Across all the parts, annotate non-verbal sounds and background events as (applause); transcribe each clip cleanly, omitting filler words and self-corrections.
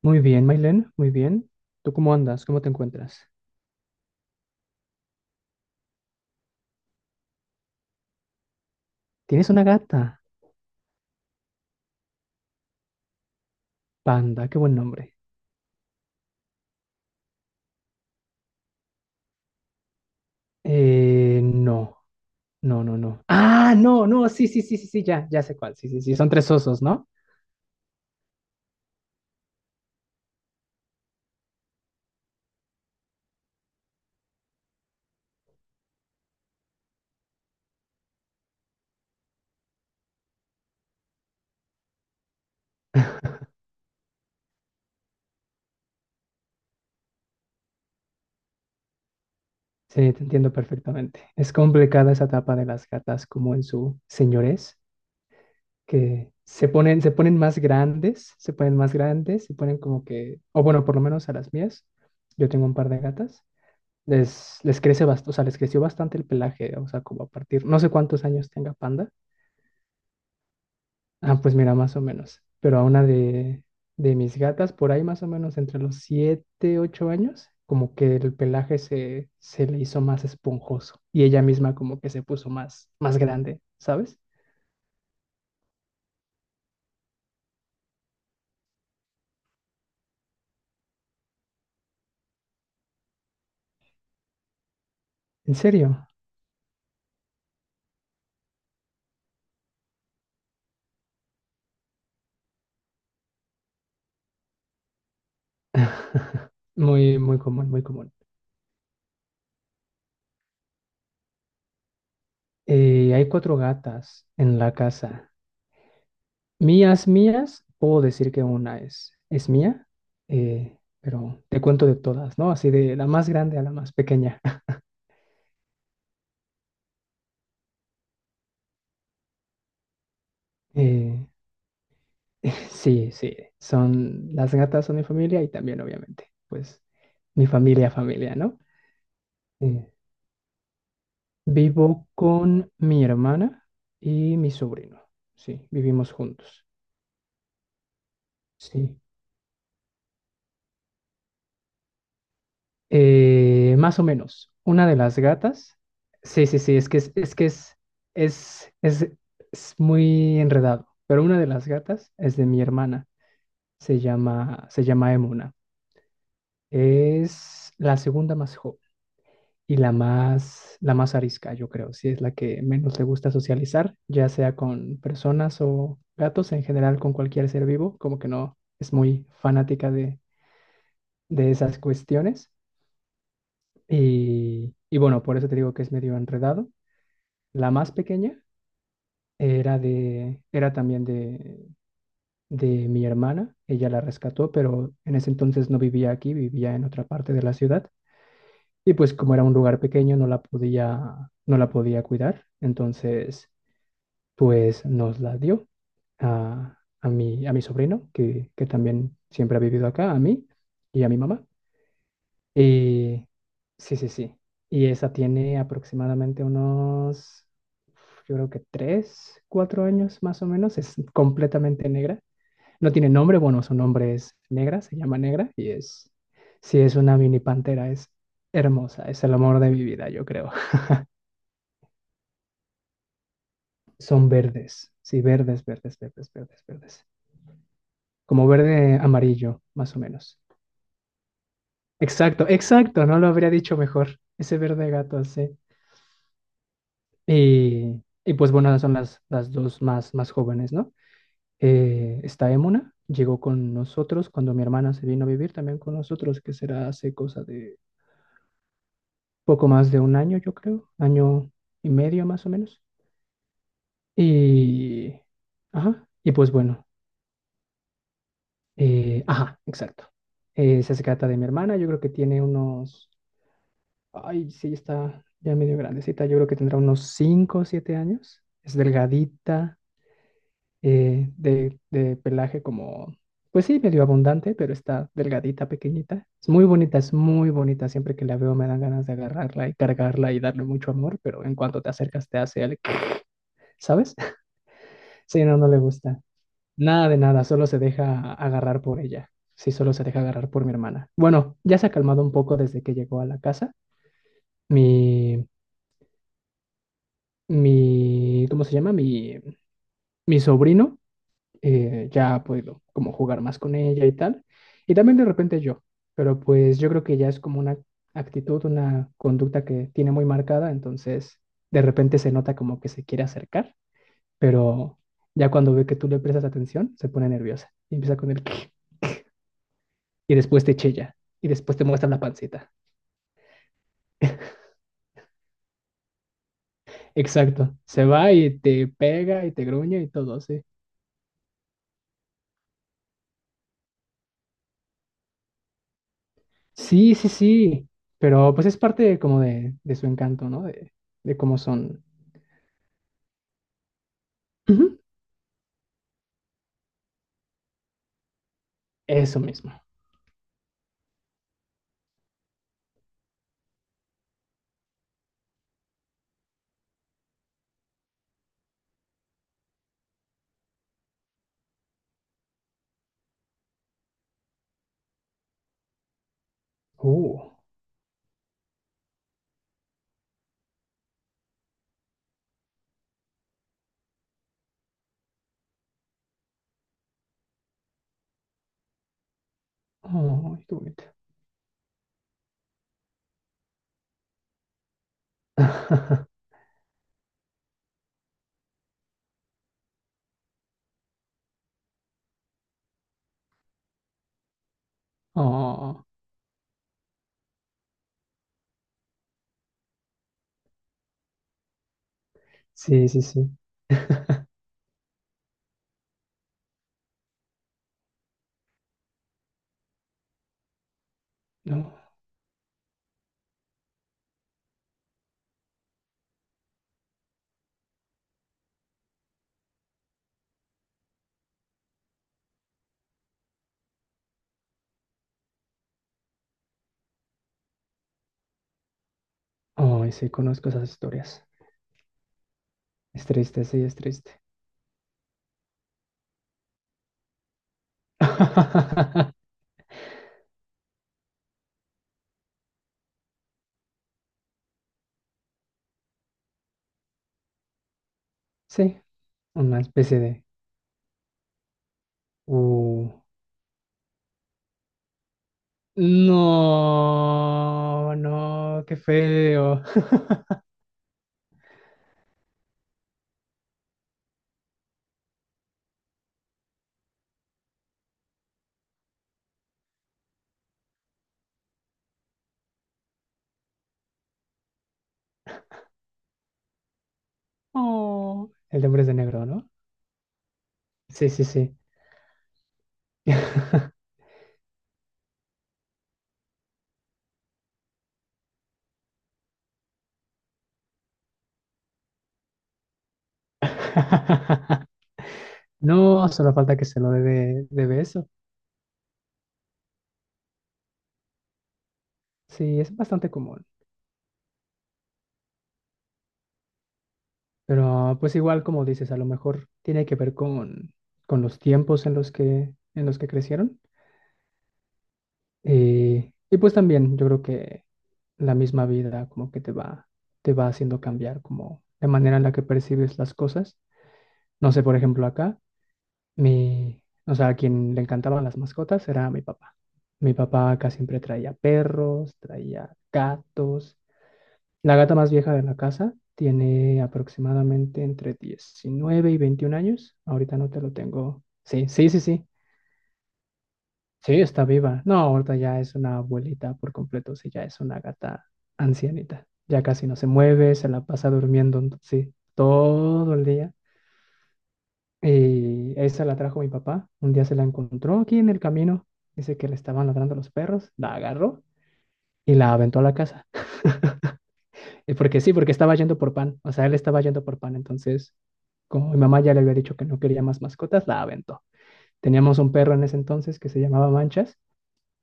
Muy bien, Mailén, muy bien. ¿Tú cómo andas? ¿Cómo te encuentras? ¿Tienes una gata? Panda, qué buen nombre. No, no, no, no. Ah, no, no, sí, sí, sí, sí, sí, ya, ya sé cuál. Sí, sí, sí, son tres osos, ¿no? Sí, te entiendo perfectamente. Es complicada esa etapa de las gatas como en su señores, que se ponen más grandes, se ponen más grandes, se ponen como que, o bueno, por lo menos a las mías. Yo tengo un par de gatas les crece bastante, o sea, les creció bastante el pelaje, o sea, como a partir, no sé cuántos años tenga Panda. Ah, pues mira, más o menos. Pero a una de mis gatas, por ahí más o menos entre los 7 8 años, como que el pelaje se le hizo más esponjoso y ella misma como que se puso más grande, ¿sabes? ¿En serio? (laughs) Muy, muy común, muy común. Hay cuatro gatas en la casa. Mías, mías, puedo decir que una es mía, pero te cuento de todas, ¿no? Así de la más grande a la más pequeña. (laughs) Eh, (laughs) sí, sí, son las gatas son mi familia y también obviamente, pues mi familia, familia, ¿no? Eh, Vivo con mi hermana y mi sobrino, sí, vivimos juntos, sí. Más o menos. Una de las gatas. Sí, sí, sí, es que es que es, es, es muy enredado. Pero una de las gatas es de mi hermana. Se llama Emuna. Es la segunda más joven y la más arisca, yo creo. Sí, es la que menos le gusta socializar, ya sea con personas o gatos, en general con cualquier ser vivo, como que no es muy fanática de esas cuestiones. Y bueno, por eso te digo que es medio enredado. La más pequeña era también de mi hermana. Ella la rescató, pero en ese entonces no vivía aquí, vivía en otra parte de la ciudad. Y pues como era un lugar pequeño, no la podía cuidar. Entonces, pues nos la dio a mi sobrino, que también siempre ha vivido acá, a mí y a mi mamá. Y sí, sí, sí. Y esa tiene aproximadamente yo creo que 3, 4 años más o menos. Es completamente negra. No tiene nombre, bueno, su nombre es negra, se llama negra y sí, es una mini pantera, es hermosa, es el amor de mi vida, yo creo. (laughs) Son verdes, sí, verdes, verdes, verdes, verdes, verdes. Como verde amarillo, más o menos. Exacto, exacto, no lo habría dicho mejor. Ese verde gato, sí. Y pues bueno, son las dos más jóvenes, ¿no? Está Emuna, llegó con nosotros cuando mi hermana se vino a vivir también con nosotros, que será hace cosa de poco más de un año, yo creo, año y medio más o menos. Y, ajá, y pues bueno, ajá, exacto. Se trata de mi hermana, yo creo que tiene unos, ay, sí, está ya medio grandecita, yo creo que tendrá unos 5 o 7 años, es delgadita de pelaje como, pues sí, medio abundante, pero está delgadita, pequeñita. Es muy bonita, es muy bonita. Siempre que la veo me dan ganas de agarrarla y cargarla y darle mucho amor, pero en cuanto te acercas te hace el, (clears throat) ¿sabes? (laughs) Sí, no, no le gusta. Nada de nada, solo se deja agarrar por ella. Sí, solo se deja agarrar por mi hermana. Bueno, ya se ha calmado un poco desde que llegó a la casa. Mi, ¿Cómo se llama? Mi sobrino ya ha podido como jugar más con ella y tal. Y también de repente pero pues yo creo que ya es como una actitud, una conducta que tiene muy marcada, entonces de repente se nota como que se quiere acercar, pero ya cuando ve que tú le prestas atención, se pone nerviosa y empieza con el (clears throat) y después te chilla y después te muestra la pancita. Exacto, se va y te pega y te gruñe y todo, sí. Sí, sí, sí, pero pues es parte como de su encanto, ¿no? De cómo son. Ujú. Eso mismo. Uh, oh, qué bonito. (laughs) Oh, sí, sí, sí. (laughs) No. Oh, sí, conozco esas historias. Es triste, sí, es triste. (laughs) Sí, una especie de. Uh, no, no, qué feo. (laughs) Oh, el de Hombres de negro, ¿no? Sí, sí, sí. (laughs) (laughs) No, solo falta que se lo dé de beso. Sí, es bastante común. Pero pues igual como dices, a lo mejor tiene que ver con los tiempos en los que, crecieron. Y pues también yo creo que la misma vida como que te va haciendo cambiar como la manera en la que percibes las cosas. No sé, por ejemplo, acá, o sea, a quien le encantaban las mascotas era mi papá. Mi papá acá siempre traía perros, traía gatos. La gata más vieja de la casa tiene aproximadamente entre 19 y 21 años. Ahorita no te lo tengo. Sí, sí, sí, sí. Sí, está viva. No, ahorita ya es una abuelita por completo. Sí, ya es una gata ancianita. Ya casi no se mueve, se la pasa durmiendo, sí, todo el día. Y esa la trajo mi papá. Un día se la encontró aquí en el camino. Dice que le estaban ladrando los perros. La agarró y la aventó a la casa. (laughs) Porque sí, porque estaba yendo por pan, o sea, él estaba yendo por pan, entonces, como mi mamá ya le había dicho que no quería más mascotas, la aventó. Teníamos un perro en ese entonces que se llamaba Manchas.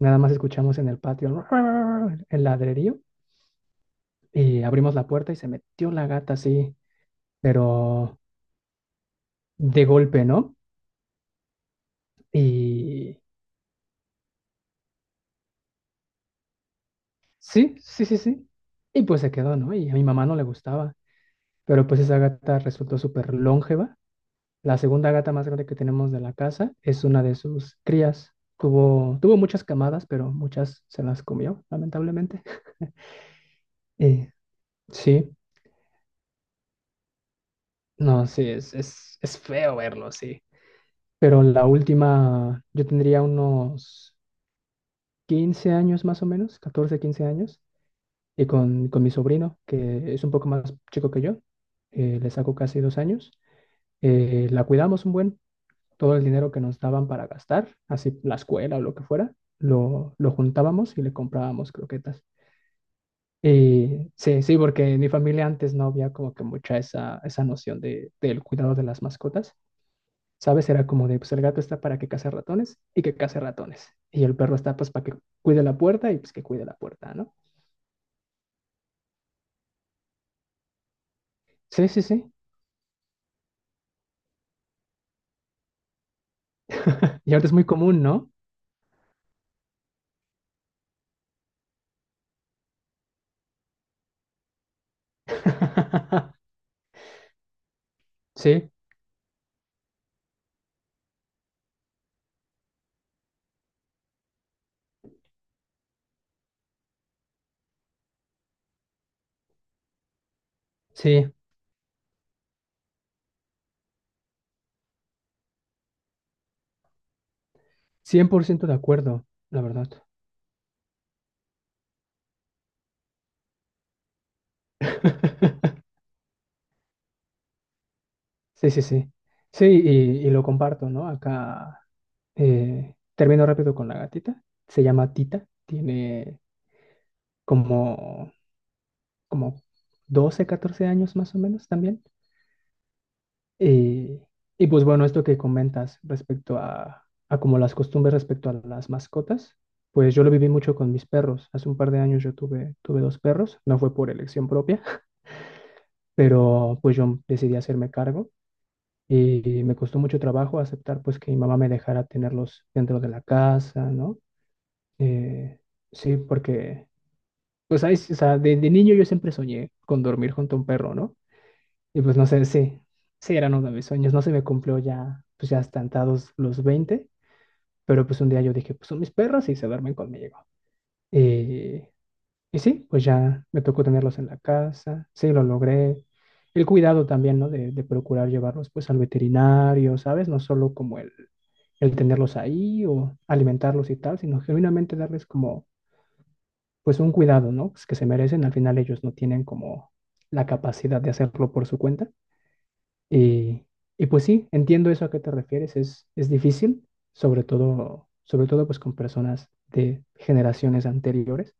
Nada más escuchamos en el patio (laughs) el ladrerío y abrimos la puerta y se metió la gata así, pero de golpe, ¿no? Y sí, sí, sí, sí. Y pues se quedó, ¿no? Y a mi mamá no le gustaba, pero pues esa gata resultó súper longeva. La segunda gata más grande que tenemos de la casa es una de sus crías. Tuvo muchas camadas, pero muchas se las comió, lamentablemente. (laughs) Eh, sí, no, sí, es feo verlo, sí. Pero la última, yo tendría unos 15 años más o menos, 14 15 años, y con mi sobrino, que es un poco más chico que yo, le saco casi 2 años, la cuidamos un buen. Todo el dinero que nos daban para gastar, así la escuela o lo que fuera, lo juntábamos y le comprábamos croquetas. Y sí, sí, porque en mi familia antes no había como que mucha esa noción del cuidado de las mascotas. ¿Sabes? Era como de, pues el gato está para que case ratones y que case ratones. Y el perro está pues para que cuide la puerta y pues que cuide la puerta, ¿no? Sí, sí, sí. Y ahora es muy común, ¿no? (laughs) Sí, sí. 100% de acuerdo, la verdad. (laughs) Sí, sí, sí. Sí, y lo comparto, ¿no? Acá termino rápido con la gatita. Se llama Tita. Tiene como, como 12 14 años más o menos también. Y, y pues bueno, esto que comentas respecto a como las costumbres respecto a las mascotas, pues yo lo viví mucho con mis perros. Hace un par de años yo tuve dos perros. No fue por elección propia, (laughs) pero pues yo decidí hacerme cargo. Y me costó mucho trabajo aceptar pues que mi mamá me dejara tenerlos dentro de la casa, ¿no? Eh, sí, porque pues ahí, sí, o sea, de niño yo siempre soñé con dormir junto a un perro, ¿no? Y pues no sé, sí, sí eran uno de mis sueños, no se me cumplió ya, pues ya estantados los 20 pero pues un día yo dije, pues son mis perros y se duermen conmigo. Y y sí, pues ya me tocó tenerlos en la casa, sí, lo logré. El cuidado también, ¿no? De procurar llevarlos pues al veterinario, ¿sabes? No solo como el tenerlos ahí o alimentarlos y tal, sino genuinamente darles como pues un cuidado, ¿no? Pues que se merecen. Al final ellos no tienen como la capacidad de hacerlo por su cuenta. Y, y pues sí, entiendo eso a qué te refieres. Es difícil, sobre todo pues con personas de generaciones anteriores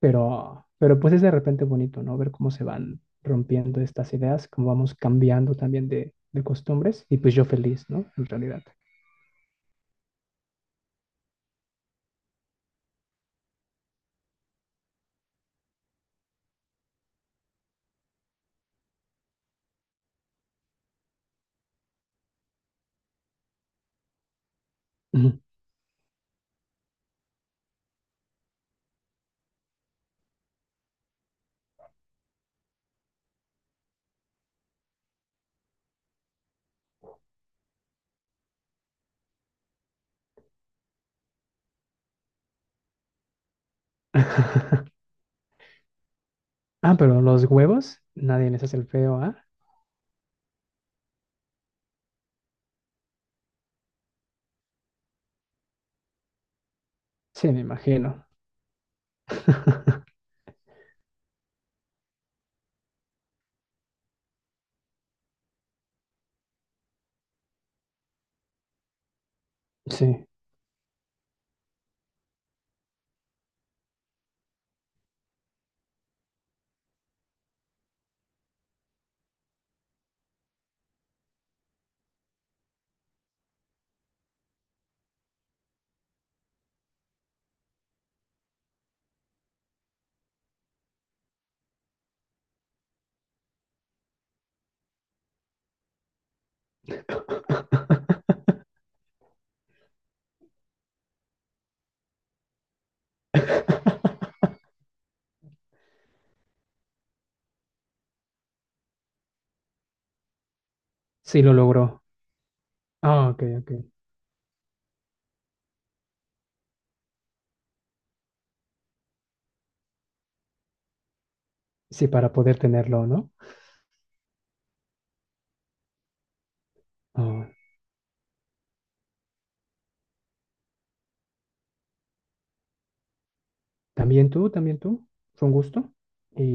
pero pues es de repente bonito, ¿no? Ver cómo se van rompiendo estas ideas, cómo vamos cambiando también de costumbres. Y pues yo feliz, ¿no? En realidad. Ujú. (laughs) Ah, pero los huevos, nadie les hace el feo, ¿ah? Sí, me imagino. (laughs) Sí. Sí, lo logró. Ah, ok, ok. Sí, para poder tenerlo, ¿no? Ah, también tú, también tú. Fue un gusto. Y